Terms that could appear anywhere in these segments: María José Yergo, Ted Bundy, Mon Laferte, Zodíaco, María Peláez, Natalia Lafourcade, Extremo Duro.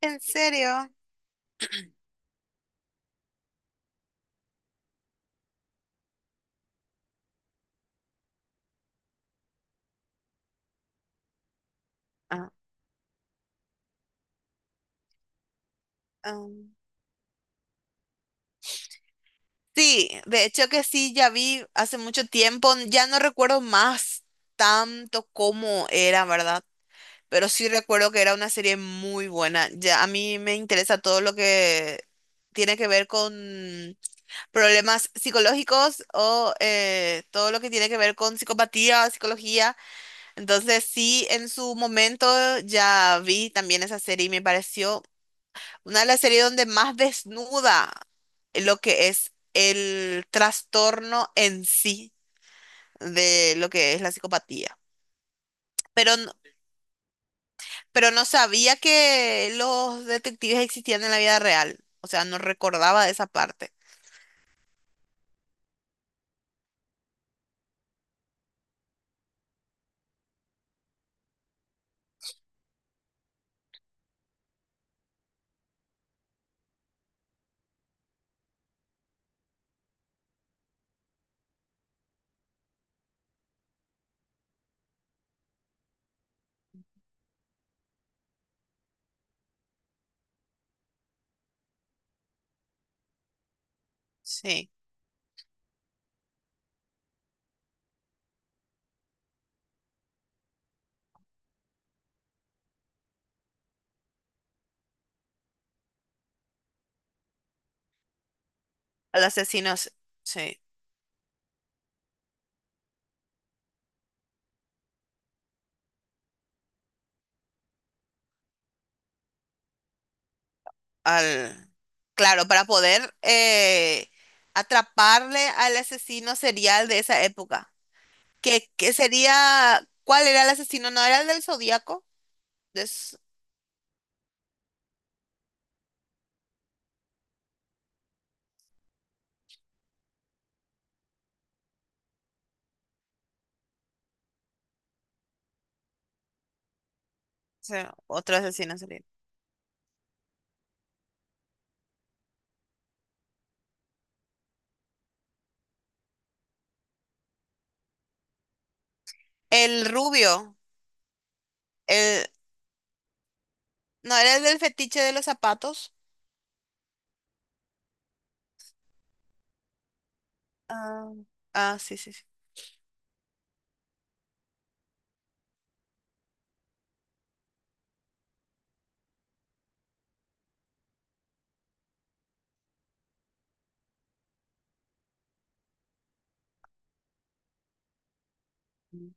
¿En serio? Ah, am. Sí, de hecho que sí, ya vi hace mucho tiempo, ya no recuerdo más tanto cómo era, ¿verdad? Pero sí recuerdo que era una serie muy buena. Ya a mí me interesa todo lo que tiene que ver con problemas psicológicos o todo lo que tiene que ver con psicopatía, psicología. Entonces sí, en su momento ya vi también esa serie y me pareció una de las series donde más desnuda lo que es el trastorno en sí de lo que es la psicopatía. Pero, no- pero no sabía que los detectives existían en la vida real. O sea, no recordaba de esa parte. Sí. Al asesino, sí. Al... Claro, para poder atraparle al asesino serial de esa época. ¿Que que sería? ¿Cuál era el asesino? ¿No era el del Zodíaco? Sí, otro asesino serial. El rubio. El... ¿No era el del fetiche de los zapatos? Ah, ah, sí, sí, sí. Mm.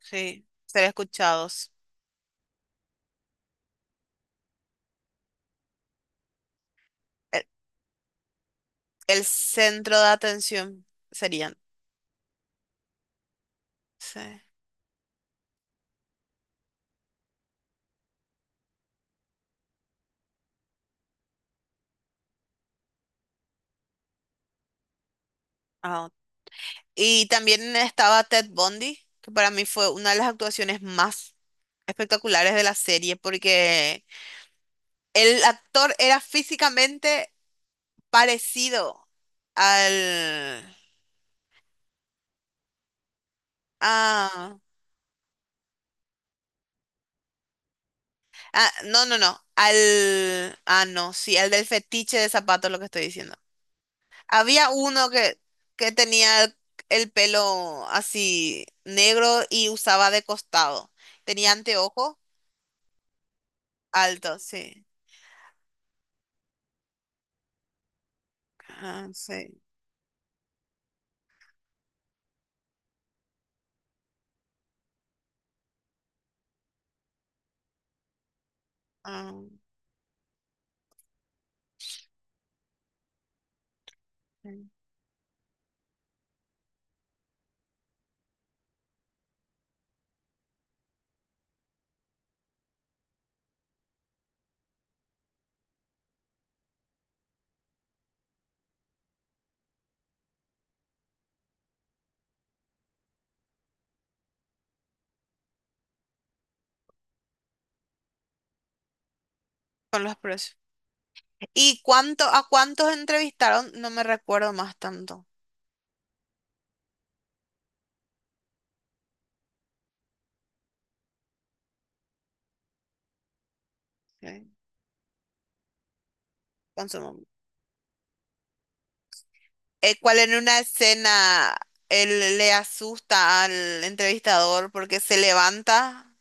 Sí, ser escuchados. El, el centro de atención serían. Sí. Ah, ok. Y también estaba Ted Bundy, que para mí fue una de las actuaciones más espectaculares de la serie, porque el actor era físicamente parecido al... a- Ah, no, no, no. Al. Ah, no, sí, al del fetiche de zapatos, lo que estoy diciendo. Había uno que tenía el pelo así negro y usaba de costado. Tenía anteojos altos, sí. Ah, sí. Ah, sí. Con los precios. ¿Y cuánto, a cuántos entrevistaron? No me recuerdo más tanto. Sí, con su nombre. ¿Cuál en una escena él le asusta al entrevistador porque se levanta?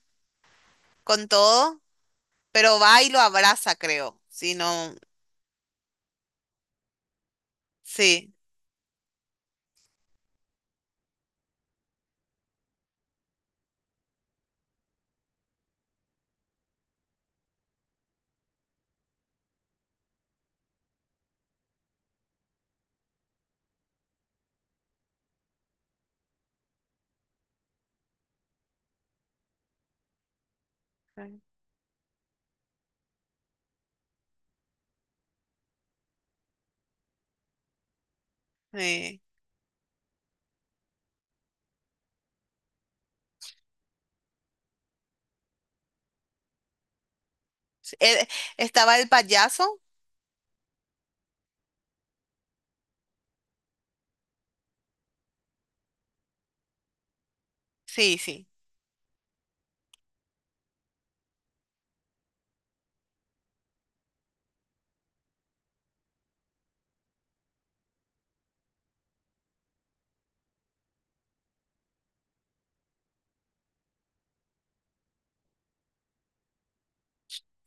Con todo, pero va y lo abraza, creo. Si no, sí. Sí. Sí. Estaba el payaso. Sí, sí.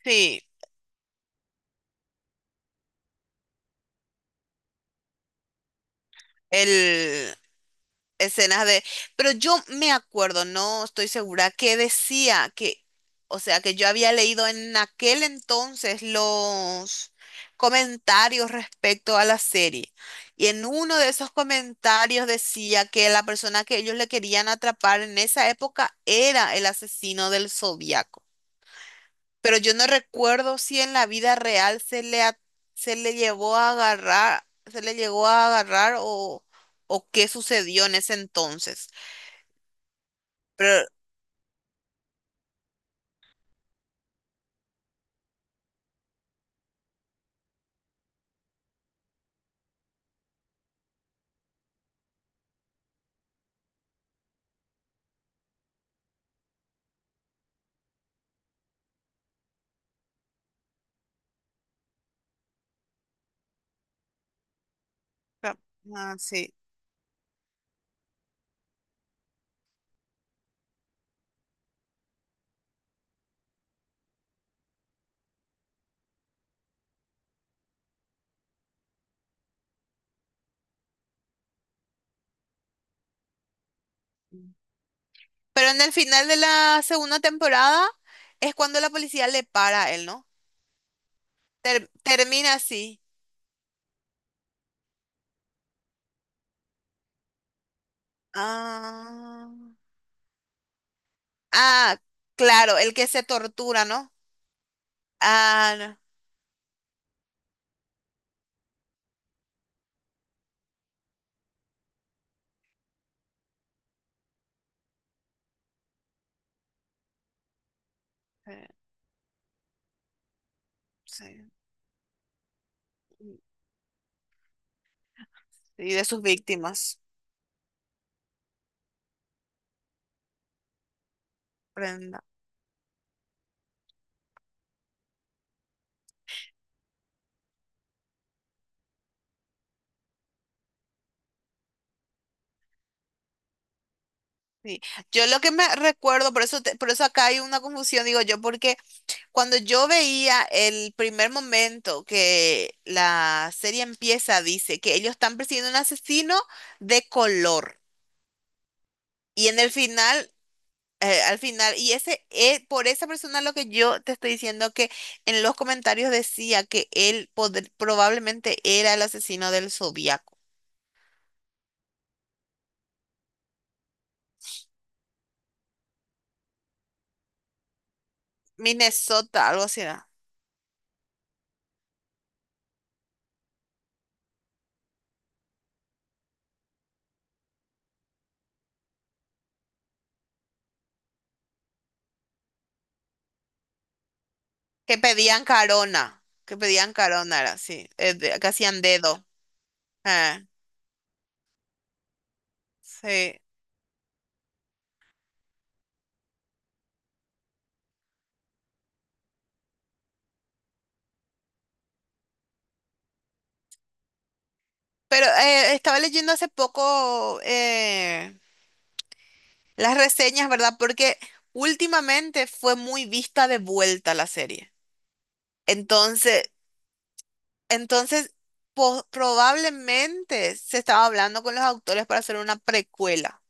Sí. El escenas de... Pero yo me acuerdo, no estoy segura, que decía que, o sea, que yo había leído en aquel entonces los comentarios respecto a la serie. Y en uno de esos comentarios decía que la persona que ellos le querían atrapar en esa época era el asesino del Zodíaco. Pero yo no recuerdo si en la vida real se se le llevó a agarrar, se le llegó a agarrar o qué sucedió en ese entonces. Pero, Cap- ah, sí. Pero en el final de la segunda temporada es cuando la policía le para a él, ¿no? Termina así. Ah, ah, claro, el que se tortura, ¿no? Ah, no. Eh, sí. Y de sus víctimas. Prenda. Sí. Yo lo que me recuerdo, por eso, por eso acá hay una confusión, digo yo, porque cuando yo veía el primer momento que la serie empieza, dice que ellos están persiguiendo un asesino de color. Y en el final, al final, y ese, por esa persona lo que yo te estoy diciendo que en los comentarios decía que él probablemente era el asesino del Zodíaco. Minnesota, algo así era. Que pedían carona, era así, que hacían dedo. Ah, sí. Pero estaba leyendo hace poco las reseñas, ¿verdad? Porque últimamente fue muy vista de vuelta la serie. Entonces, entonces probablemente se estaba hablando con los autores para hacer una precuela.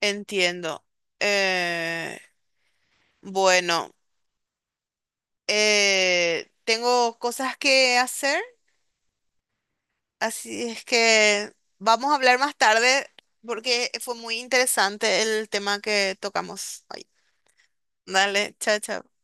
Entiendo. Eh, bueno, tengo cosas que hacer, así es que vamos a hablar más tarde porque fue muy interesante el tema que tocamos hoy. Dale, chao, chao.